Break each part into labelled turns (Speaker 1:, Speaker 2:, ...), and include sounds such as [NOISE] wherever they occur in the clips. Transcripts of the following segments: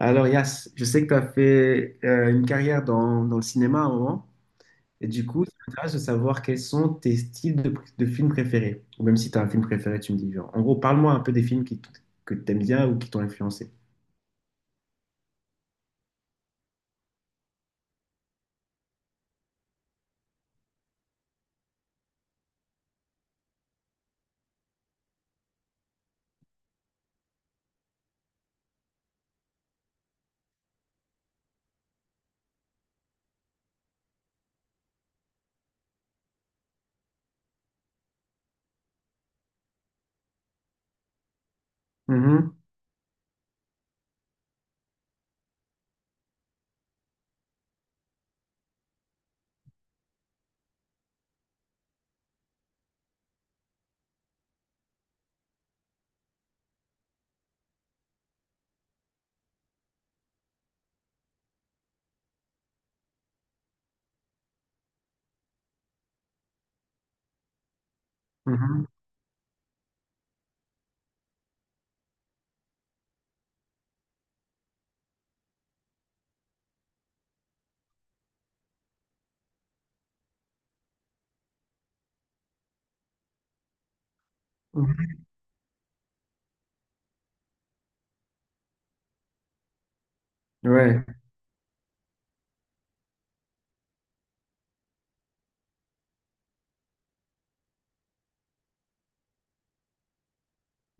Speaker 1: Alors, Yas, je sais que tu as fait une carrière dans le cinéma à un moment, et du coup, ça m'intéresse de savoir quels sont tes styles de films préférés. Ou même si tu as un film préféré, tu me dis. Genre. En gros, parle-moi un peu des films que tu aimes bien ou qui t'ont influencé. Mhm, mhm, mhm. Ouais,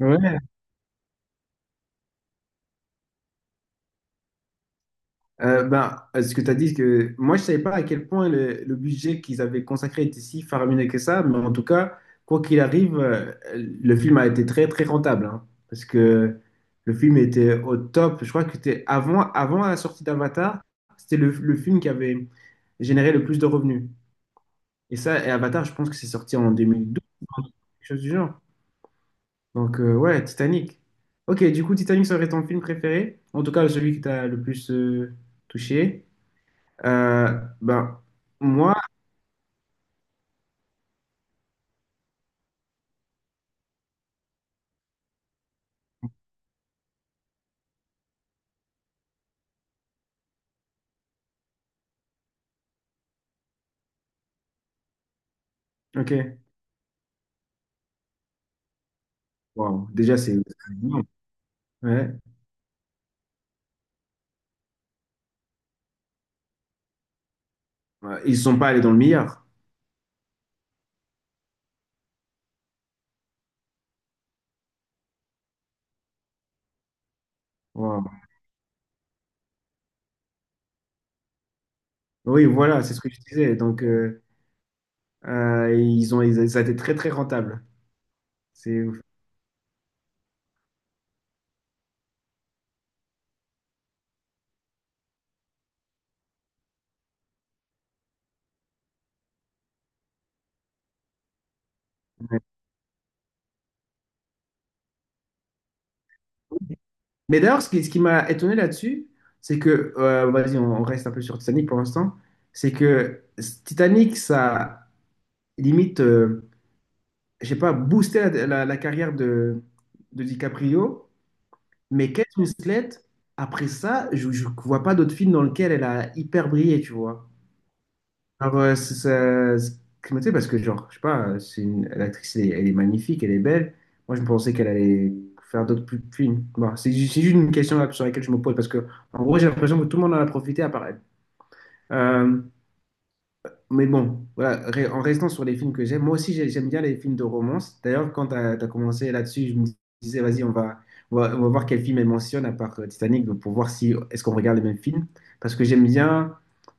Speaker 1: ouais. Ce que tu as dit, c'est que moi, je savais pas à quel point le budget qu'ils avaient consacré était si faramineux que ça, mais en tout cas, quoi qu'il arrive, le film a été très rentable, hein, parce que le film était au top. Je crois que c'était avant la sortie d'Avatar, c'était le film qui avait généré le plus de revenus. Et ça, et Avatar, je pense que c'est sorti en 2012, quelque chose du genre. Donc, ouais, Titanic. Ok, du coup, Titanic serait ton film préféré, en tout cas, celui qui t'a le plus touché. Euh, ben, moi, ok. Waouh, déjà, c'est. C'est énorme. Ouais. Ouais, ils ne sont pas allés dans le meilleur. Waouh. Oui, voilà, c'est ce que je disais. Donc, ils ont, ça a été très rentable. C'est... ouais. Mais d'ailleurs, ce qui m'a étonné là-dessus, c'est que, vas-y, on reste un peu sur Titanic pour l'instant, c'est que Titanic, ça limite, je sais pas, boosté la carrière de DiCaprio. Mais Kate Winslet, après ça, je ne vois pas d'autres films dans lesquels elle a hyper brillé, tu vois. Alors, tu sais, parce que, genre, je sais pas, c'est une, l'actrice, elle est magnifique, elle est belle. Moi, je pensais qu'elle allait faire films. Bon, c'est juste une question là, sur laquelle je me pose, parce que, en gros, j'ai l'impression que tout le monde en a profité à part elle. Euh, mais bon, voilà, en restant sur les films que j'aime, moi aussi j'aime bien les films de romance. D'ailleurs, quand tu as commencé là-dessus, je me disais, vas-y, on va voir quel film elle mentionne à part Titanic donc, pour voir si est-ce qu'on regarde les mêmes films. Parce que j'aime bien,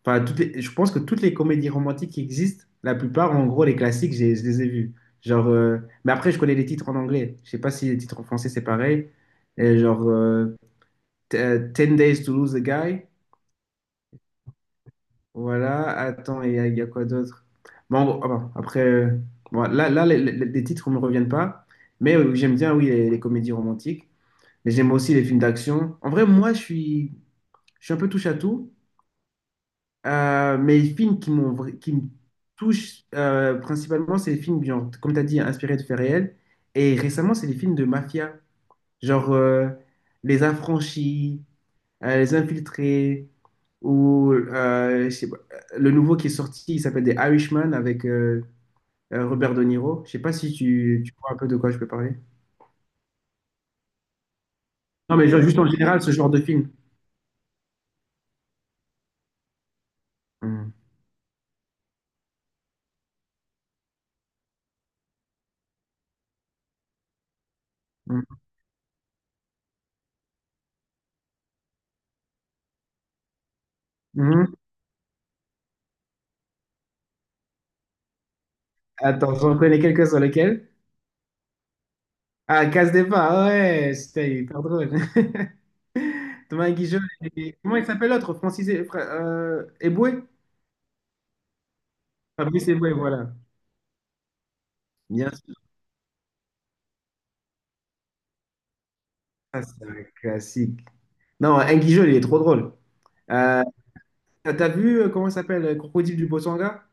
Speaker 1: enfin, je pense que toutes les comédies romantiques qui existent, la plupart, en gros, les classiques, je les ai vus. Genre, mais après, je connais les titres en anglais. Je sais pas si les titres en français c'est pareil. Et genre, Ten Days to Lose a Guy. Voilà, attends, et il y a quoi d'autre? Bon, bon, ah bon, après, bon, là, là les titres ne me reviennent pas, mais j'aime bien, oui, les comédies romantiques, mais j'aime aussi les films d'action. En vrai, je suis un peu touche à tout, mais les films qui me touchent principalement, c'est les films, genre, comme tu as dit, inspirés de faits réels, et récemment, c'est les films de mafia, genre Les Affranchis, Les Infiltrés, ou je sais pas, le nouveau qui est sorti, il s'appelle des Irishman avec Robert De Niro. Je sais pas si tu vois un peu de quoi je peux parler. Non, mais genre, juste en général, ce genre de film. Mhm. Mhm. Mhm. Attends, j'en connais quelques sur lesquels. Ah, Casse des pas, ouais, c'était hyper drôle. [LAUGHS] Thomas Guigeol et... comment il s'appelle l'autre? Francis et... Eboué? Fabrice Eboué, voilà. Bien sûr, ça, c'est un classique. Non, Guigeol, il est trop drôle. Euh, t'as vu, comment il s'appelle, Crocodile du Botswana?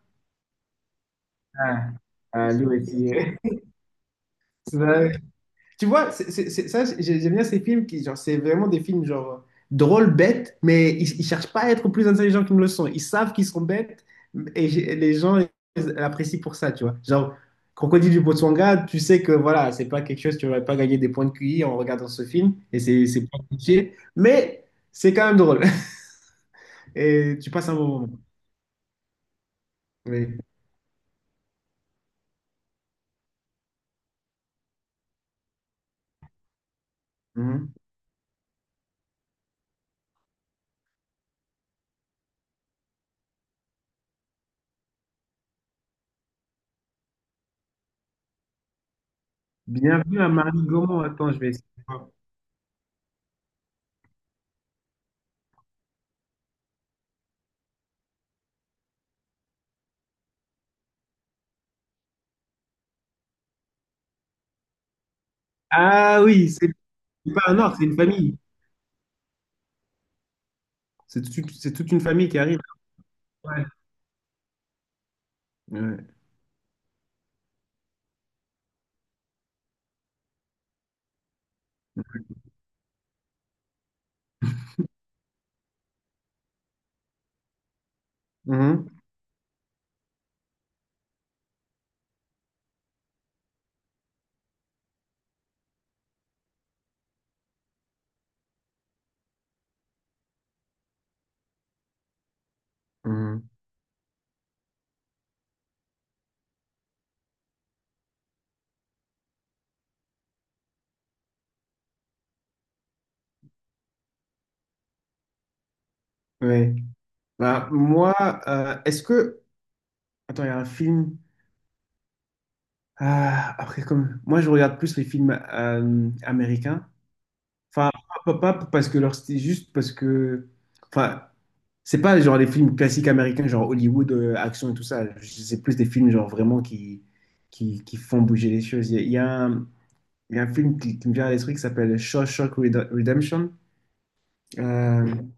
Speaker 1: Ah, ah, lui aussi. [LAUGHS] C'est vrai. Tu vois, ça, j'aime bien ces films qui, genre, c'est vraiment des films, genre, drôles, bêtes, mais ils cherchent pas à être plus intelligents qu'ils ne le sont. Ils savent qu'ils sont bêtes, et les gens ils apprécient pour ça, tu vois. Genre, Crocodile du Botswana, tu sais que, voilà, c'est pas quelque chose, tu vas pas gagner des points de QI en regardant ce film, et c'est pas cliché, mais c'est quand même drôle. [LAUGHS] Et tu passes un bon moment. Oui. Mm-hmm. Bienvenue à Marie Gaumont. Attends, je vais essayer de voir. Ah oui, c'est pas un ordre, c'est une famille. C'est toute une famille qui arrive. Ouais. Ouais. Mhm. Mhm. Ouais. Bah, moi, est-ce que. Attends, il y a un film. Ah, après, comme. Moi, je regarde plus les films américains. Enfin, pas parce que leur style, juste parce que. Enfin, c'est pas genre les films classiques américains, genre Hollywood, action et tout ça. C'est plus des films, genre vraiment qui font bouger les choses. Il y a un film qui me vient à l'esprit qui s'appelle Redemption. Mhm.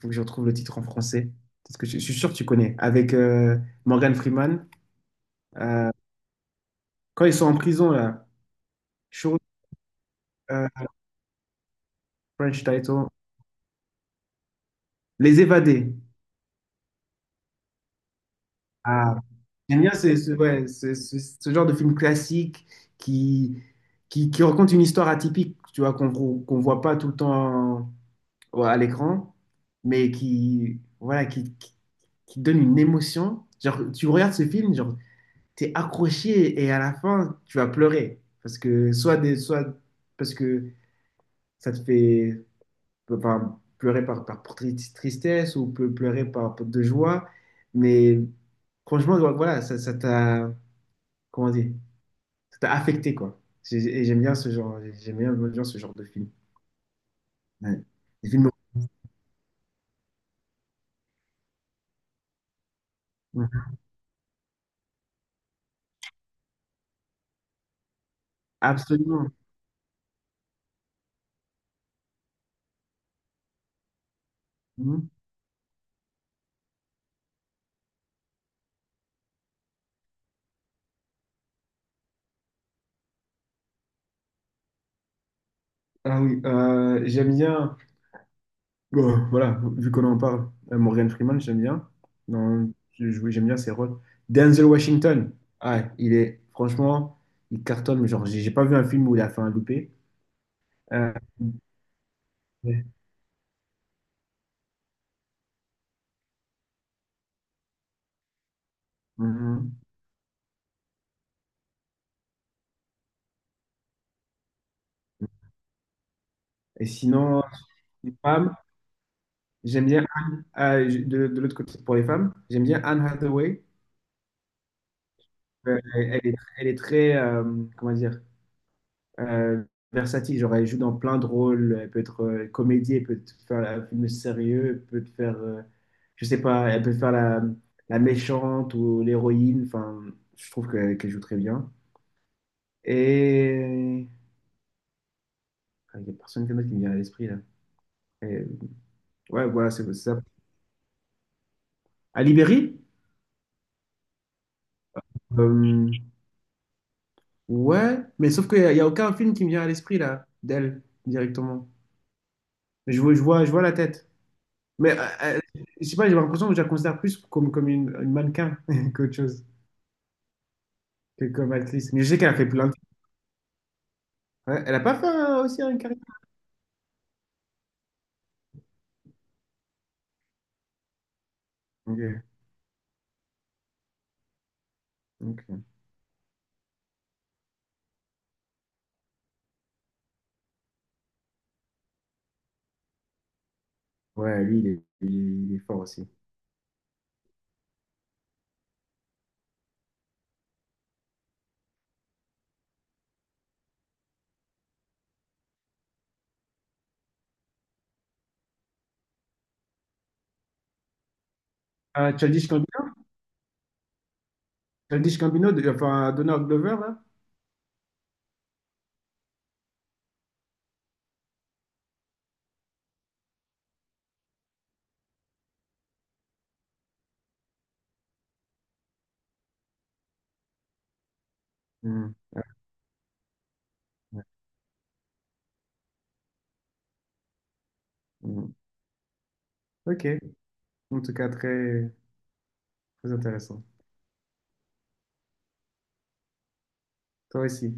Speaker 1: Faut que je retrouve le titre en français. Parce que je suis sûr que tu connais. Avec Morgan Freeman. Euh, quand ils sont en prison, là. Show- euh, French title. Les évadés. Ah. J'aime bien ce genre de film classique qui, qui raconte une histoire atypique, tu vois, qu'on voit pas tout le temps ouais, à l'écran, mais qui, voilà, qui donne une émotion. Genre, tu regardes ce film, genre, t'es accroché et à la fin, tu vas pleurer. Parce que, soit parce que ça te fait enfin, pleurer par tristesse ou peut pleurer par de joie. Mais franchement, ouais, voilà, ça t'a, comment dire, ça t'a affecté, quoi. Et j'aime bien ce genre, j'aime bien ce genre de film. Ouais. Des films- ouais. Absolument. Mmh. Ah oui, j'aime bien, bon, voilà, vu qu'on en parle, Morgan Freeman, j'aime bien. Non, je- oui, j'aime bien ses rôles. Denzel Washington, ah, il est, franchement, il cartonne, mais genre, j'ai pas vu un film où il a fait un loupé. Euh, ouais. Mhm. Et sinon, les femmes, j'aime bien Anne, je- de l'autre côté, pour les femmes, j'aime bien Anne Hathaway. Elle est très, comment dire, euh, versatile. Genre, elle joue dans plein de rôles. Elle peut être comédie, elle peut te faire un film sérieux, elle peut te faire, je sais pas, elle peut faire la méchante ou l'héroïne. Enfin, je trouve qu'elle joue très bien. Et ah, il n'y a personne qui me vient à l'esprit là. Et, ouais, voilà, c'est ça. À Libéry? Euh, ouais, mais sauf il y a aucun film qui me vient à l'esprit là, d'elle directement. Je vois la tête. Mais euh, je sais pas, j'ai l'impression que je la considère plus comme une mannequin [LAUGHS] qu'autre chose, que comme actrice. Mais je sais qu'elle a fait plein de trucs. Ouais, elle a pas fait aussi une carrière. Ok, ok. Ouais, lui, il est fort aussi. Ah, Childish Gambino, Childish Gambino, de... enfin Donald Glover, là. Hmm. Ah, ouais. Hmm. Ok. En tout cas, très intéressant. Toi aussi.